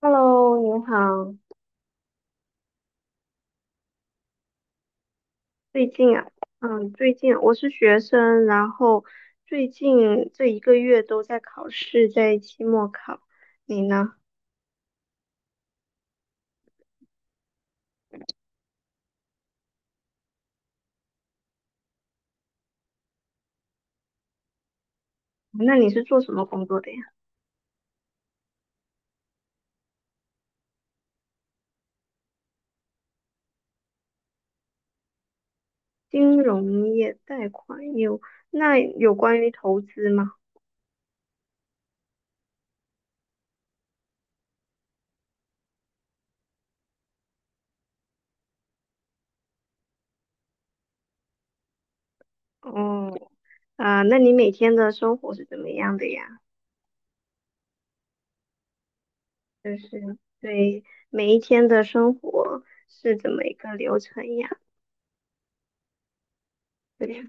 Hello，您好。最近啊，最近我是学生，然后最近这一个月都在考试，在期末考。你呢？那你是做什么工作的呀？金融业、贷款业务。那有关于投资吗？哦，啊，那你每天的生活是怎么样的呀？就是对每一天的生活是怎么一个流程呀？对，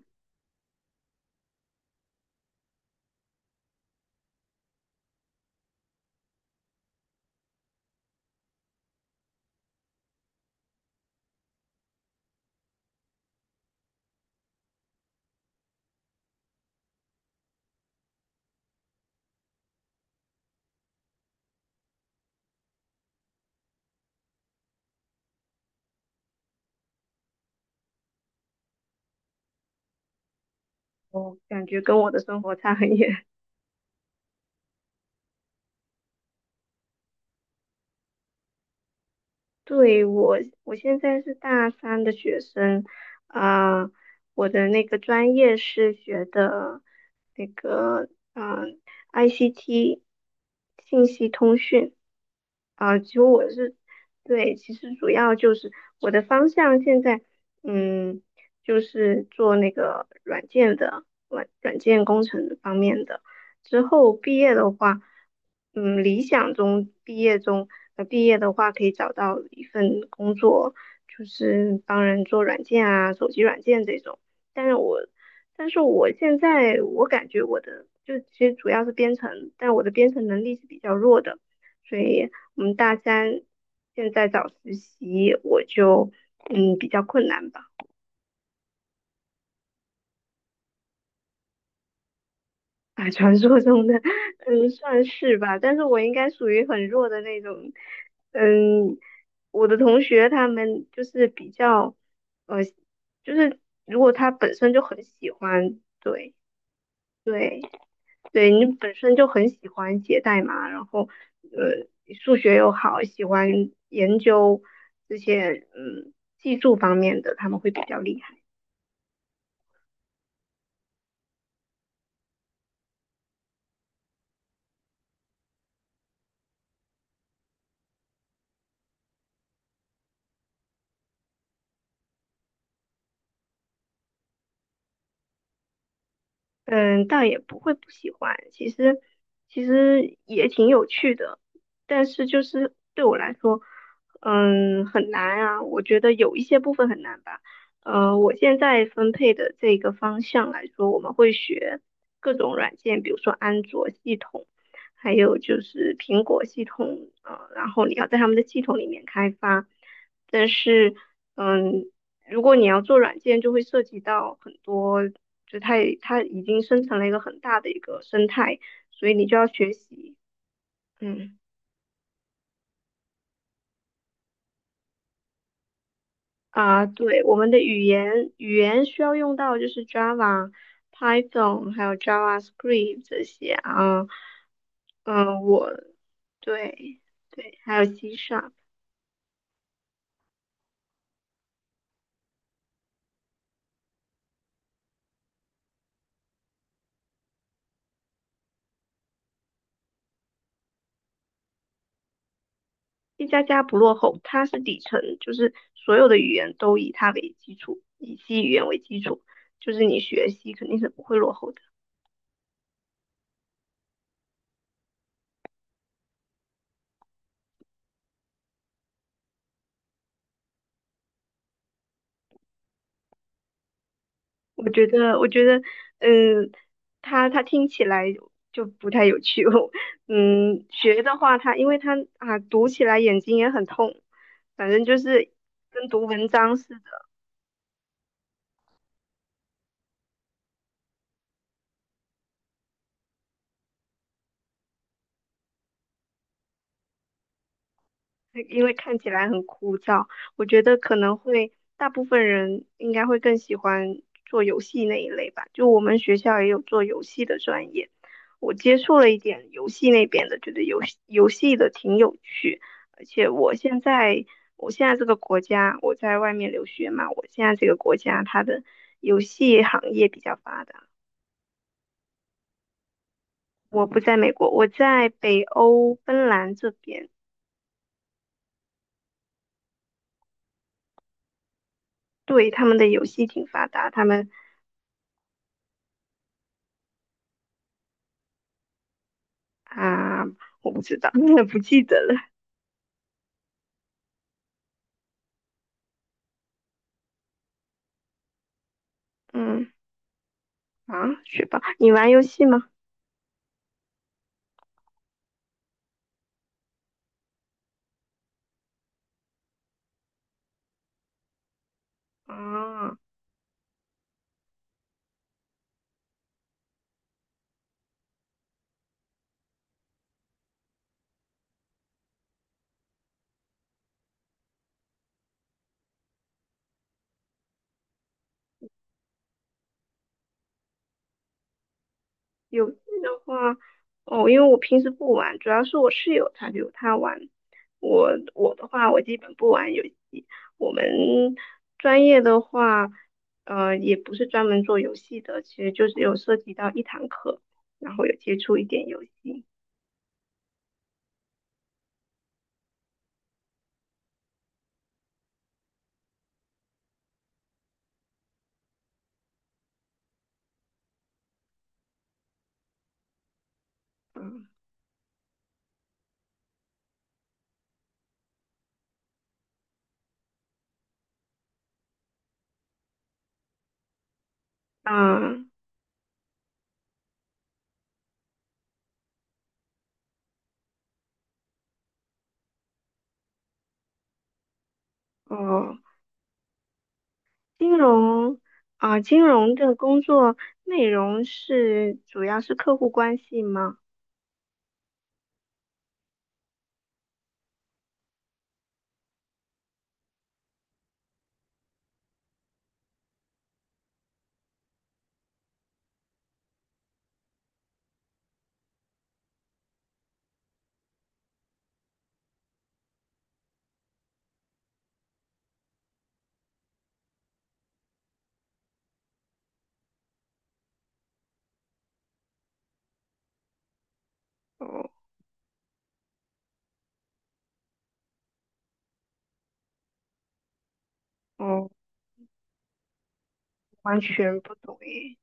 我感觉跟我的生活差很远。对，我，我现在是大三的学生，啊、我的那个专业是学的那个，嗯、ICT 信息通讯，啊、其实我是，对，其实主要就是我的方向现在，嗯，就是做那个软件的软件工程方面的。之后毕业的话，理想中毕业中，毕业的话可以找到一份工作，就是帮人做软件啊，手机软件这种。但是我，但是我现在我感觉我的就其实主要是编程，但我的编程能力是比较弱的，所以我们大三现在找实习，我就比较困难吧。啊，传说中的，嗯，算是吧，但是我应该属于很弱的那种。嗯，我的同学他们就是比较，呃，就是如果他本身就很喜欢。对对对，你本身就很喜欢写代码，然后呃，数学又好，喜欢研究这些技术方面的，他们会比较厉害。嗯，倒也不会不喜欢，其实也挺有趣的，但是就是对我来说，嗯，很难啊。我觉得有一些部分很难吧。呃，我现在分配的这个方向来说，我们会学各种软件，比如说安卓系统，还有就是苹果系统，然后你要在他们的系统里面开发，但是。嗯，如果你要做软件，就会涉及到很多，就它已经生成了一个很大的一个生态，所以你就要学习。嗯啊，对，我们的语言需要用到就是 Java、Python 还有 JavaScript 这些啊。嗯，对对，还有 C Sharp，一加加不落后，它是底层，就是所有的语言都以它为基础，以 C 语言为基础，就是你学习肯定是不会落后的。我觉得,嗯，他听起来就不太有趣。嗯，学的话他因为他啊，读起来眼睛也很痛，反正就是跟读文章是因为看起来很枯燥，我觉得可能会大部分人应该会更喜欢做游戏那一类吧。就我们学校也有做游戏的专业，我接触了一点游戏那边的，觉得游戏的挺有趣。而且我现在这个国家，我在外面留学嘛，我现在这个国家它的游戏行业比较发达。我不在美国，我在北欧芬兰这边。对，他们的游戏挺发达，他们啊，我不知道，不记得了。嗯，啊，学霸，你玩游戏吗？啊，游戏的话，哦，因为我平时不玩，主要是我室友他有他玩。我我的话，我基本不玩游戏。我们专业的话，也不是专门做游戏的，其实就是有涉及到一堂课，然后有接触一点游戏。嗯，啊，哦、金融啊，金融的工作内容是主要是客户关系吗？哦哦，完全不懂诶。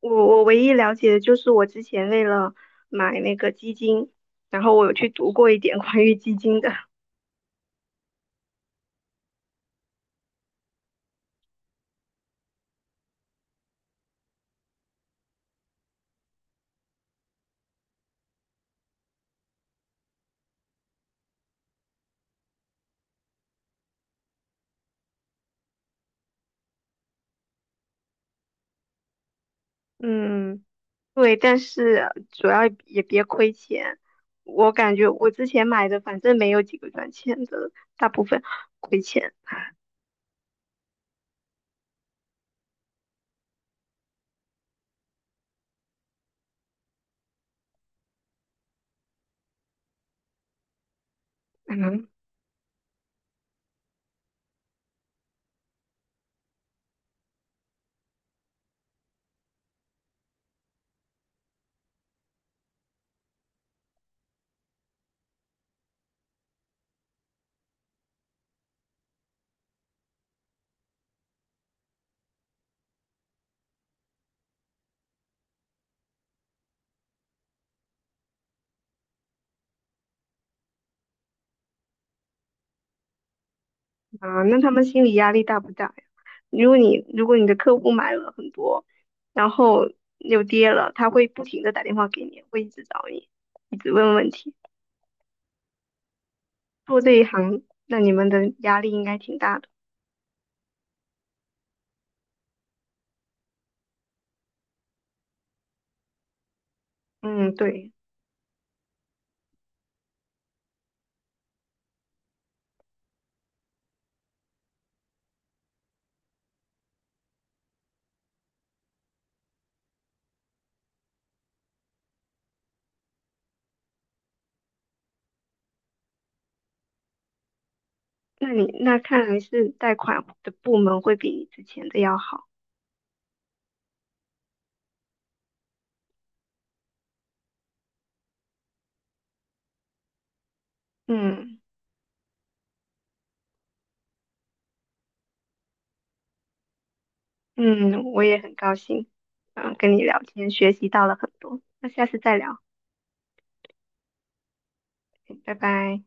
我唯一了解的就是我之前为了买那个基金，然后我有去读过一点关于基金的。嗯，对，但是主要也别亏钱。我感觉我之前买的反正没有几个赚钱的，大部分亏钱。嗯啊，那他们心理压力大不大呀？如果你的客户买了很多，然后又跌了，他会不停的打电话给你，会一直找你，一直问问题。做这一行，那你们的压力应该挺大的。嗯，对，那你那看来是贷款的部门会比你之前的要好。嗯嗯，我也很高兴，嗯，跟你聊天学习到了很多。那下次再聊，拜拜。